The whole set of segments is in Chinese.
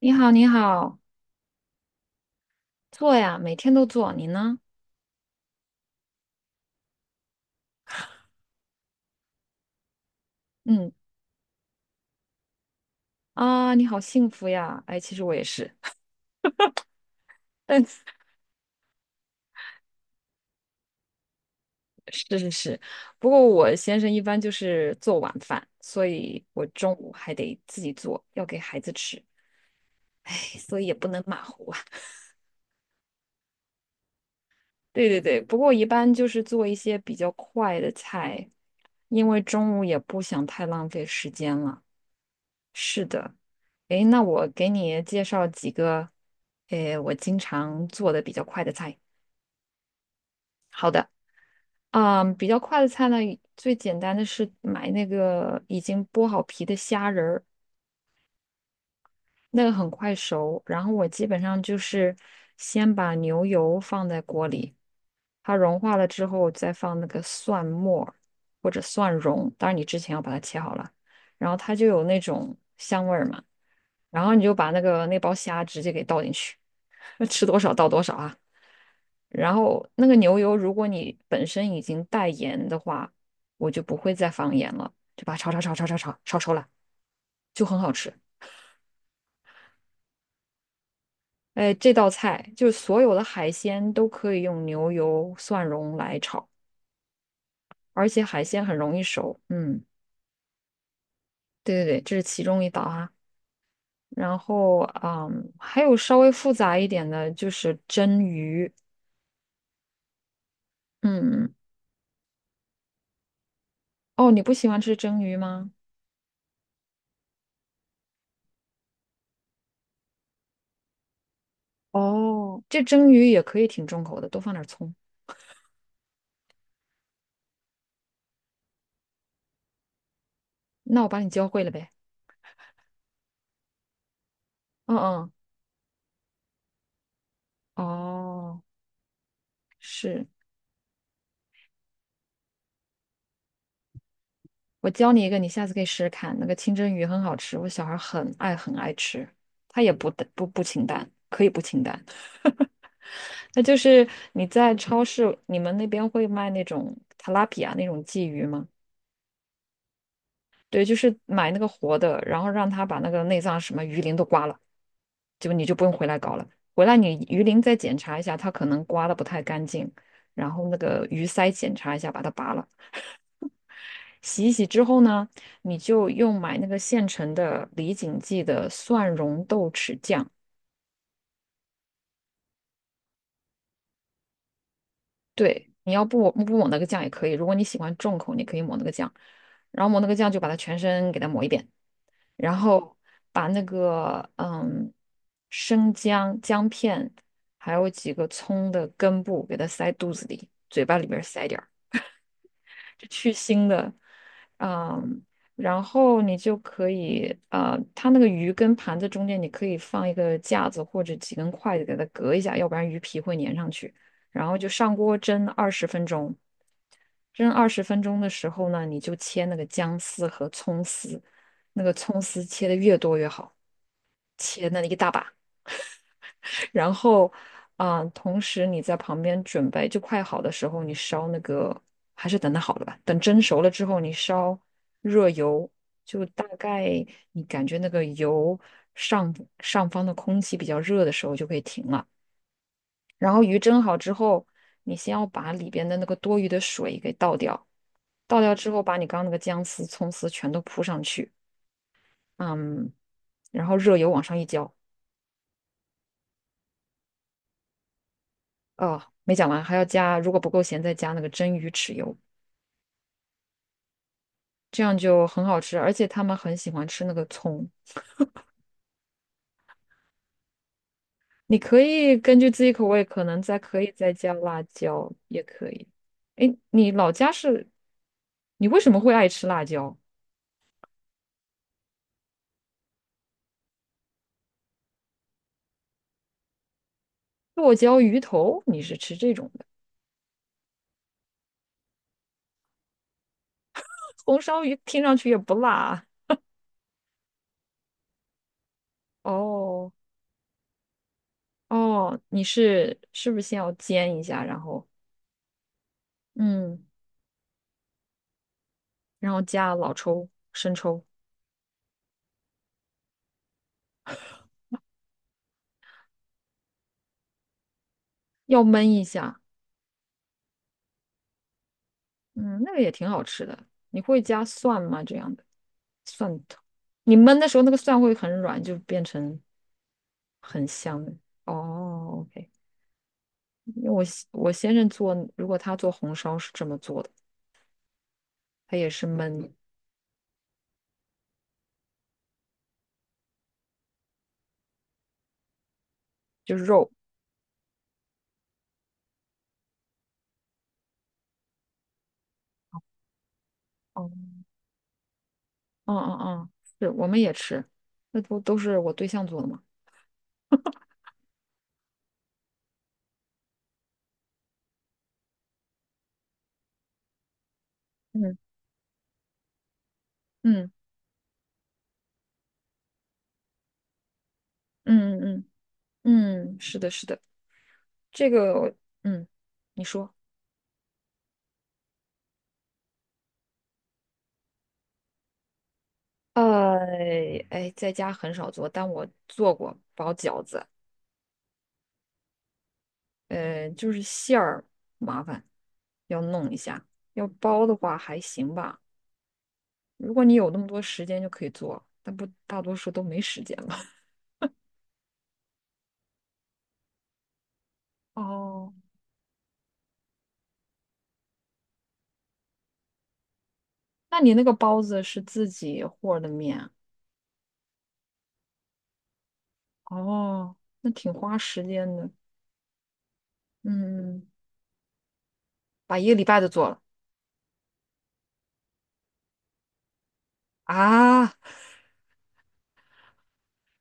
你好，你好，做呀，每天都做。你呢？嗯啊，你好幸福呀！哎，其实我也是，但是是是，不过我先生一般就是做晚饭，所以我中午还得自己做，要给孩子吃。哎，所以也不能马虎啊。对对对，不过一般就是做一些比较快的菜，因为中午也不想太浪费时间了。哎，那我给你介绍几个，哎，我经常做的比较快的菜。好的。嗯，比较快的菜呢，最简单的是买那个已经剥好皮的虾仁儿，那个很快熟。然后我基本上就是先把牛油放在锅里，它融化了之后，再放那个蒜末儿或者蒜蓉，当然你之前要把它切好了，然后它就有那种香味儿嘛。然后你就把那个那包虾直接给倒进去，吃多少倒多少啊。然后那个牛油，如果你本身已经带盐的话，我就不会再放盐了，就把它炒炒炒炒炒炒炒熟了，就很好吃。哎，这道菜就是所有的海鲜都可以用牛油、蒜蓉来炒，而且海鲜很容易熟。嗯，对对对，这是其中一道啊。然后，还有稍微复杂一点的就是蒸鱼。嗯，哦，你不喜欢吃蒸鱼吗？哦，这蒸鱼也可以挺重口的，多放点葱。那我把你教会了呗。嗯嗯，哦，是，我教你一个，你下次可以试试看。那个清蒸鱼很好吃，我小孩很爱很爱吃，他也不淡不清淡，可以不清淡。那就是你在超市，你们那边会卖那种 tilapia 那种鲫鱼吗？对，就是买那个活的，然后让他把那个内脏什么鱼鳞都刮了，就你就不用回来搞了。回来你鱼鳞再检查一下，它可能刮的不太干净，然后那个鱼鳃检查一下，把它拔了。洗一洗之后呢，你就用买那个现成的李锦记的蒜蓉豆豉酱。对，你要不抹那个酱也可以，如果你喜欢重口，你可以抹那个酱。然后抹那个酱就把它全身给它抹一遍，然后把那个生姜姜片，还有几个葱的根部给它塞肚子里，嘴巴里边塞点儿。是去腥的，嗯，然后你就可以，它那个鱼跟盘子中间你可以放一个架子或者几根筷子给它隔一下，要不然鱼皮会粘上去。然后就上锅蒸二十分钟，蒸二十分钟的时候呢，你就切那个姜丝和葱丝，那个葱丝切的越多越好，切那一大把。然后，啊、同时你在旁边准备，就快好的时候，你烧那个，还是等它好了吧。等蒸熟了之后，你烧热油，就大概你感觉那个油上上方的空气比较热的时候，就可以停了。然后鱼蒸好之后，你先要把里边的那个多余的水给倒掉，倒掉之后，把你刚刚那个姜丝、葱丝全都铺上去，嗯，然后热油往上一浇。哦，没讲完，还要加，如果不够咸，再加那个蒸鱼豉油。这样就很好吃，而且他们很喜欢吃那个葱。你可以根据自己口味，可能再可以再加辣椒，也可以。哎，你老家是，你为什么会爱吃辣椒？剁椒鱼头，你是吃这种的？红烧鱼听上去也不辣哦哦，你是是不是先要煎一下，然后嗯，然后加老抽、生抽，要焖一下，嗯，那个也挺好吃的。你会加蒜吗？这样的？蒜头。你焖的时候，那个蒜会很软，就变成很香的。哦，OK，因为我先生做，如果他做红烧是这么做的，他也是焖，就是肉。哦，哦哦哦，是，我们也吃，那都都是我对象做的嘛。嗯嗯嗯嗯嗯，嗯，是的，是的，这个我嗯，你说，呃，哎，在家很少做，但我做过包饺子。就是馅儿麻烦，要弄一下。要包的话还行吧，如果你有那么多时间就可以做，但不大多数都没时间了。哦，那你那个包子是自己和的面啊哦，那挺花时间的。嗯，把一个礼拜都做了啊，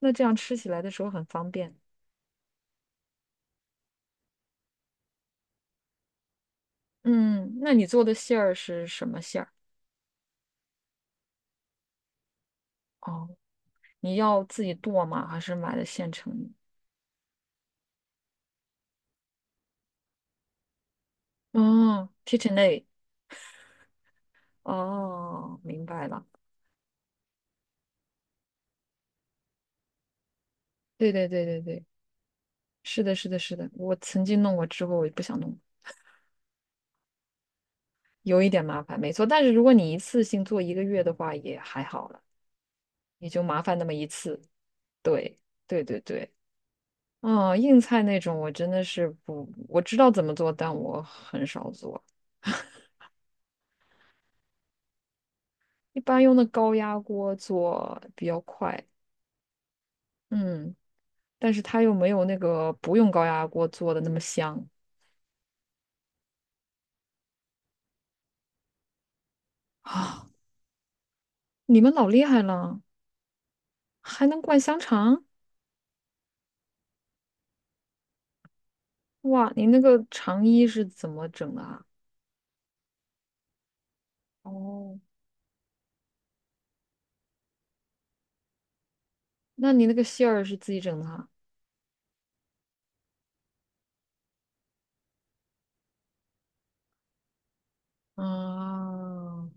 那这样吃起来的时候很方便。嗯，那你做的馅儿是什么馅儿？哦，你要自己剁吗？还是买的现成的？哦 k i t 哦，明白了。对对对对对，是的，是的，是的。我曾经弄过之后，我就不想弄了，有一点麻烦，没错。但是如果你一次性做一个月的话，也还好了，也就麻烦那么一次。对，对对对。嗯，硬菜那种我真的是不，我知道怎么做，但我很少做，一般用的高压锅做比较快。嗯，但是它又没有那个不用高压锅做的那么香啊。你们老厉害了，还能灌香肠？哇，你那个长衣是怎么整的啊？哦，那你那个馅儿是自己整的啊？啊，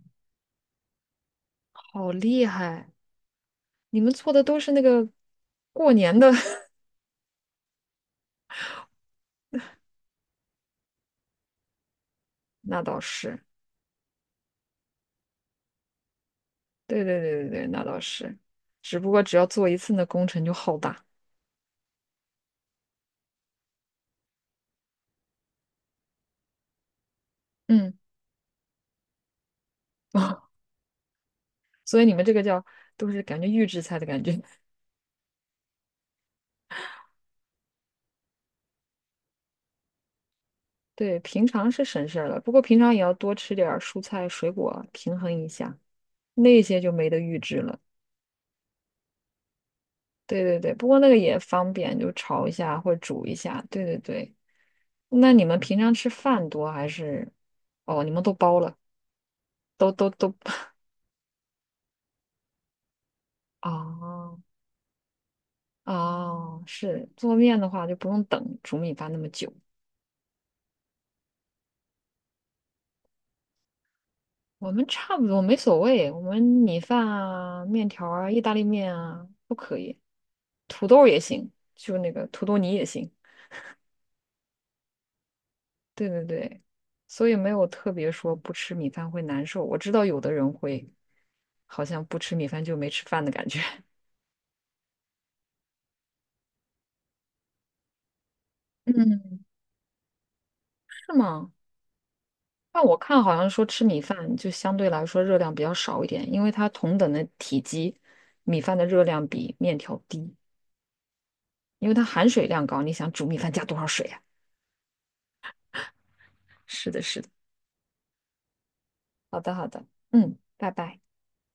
好厉害！你们做的都是那个过年的，那倒是，对对对对对，那倒是。只不过只要做一次，那工程就浩大。嗯，所以你们这个叫都是感觉预制菜的感觉。对，平常是省事儿了，不过平常也要多吃点儿蔬菜水果，平衡一下，那些就没得预制了。对对对，不过那个也方便，就炒一下或者煮一下。对对对，那你们平常吃饭多还是？哦，你们都包了，都都都。哦哦，是做面的话就不用等煮米饭那么久。我们差不多没所谓，我们米饭啊、面条啊、意大利面啊都可以，土豆也行，就那个土豆泥也行。对对对，所以没有特别说不吃米饭会难受。我知道有的人会，好像不吃米饭就没吃饭的感觉，嗯，是吗？但我看好像说吃米饭就相对来说热量比较少一点，因为它同等的体积，米饭的热量比面条低，因为它含水量高。你想煮米饭加多少水啊？是的，是的。好的，好的，嗯，拜拜。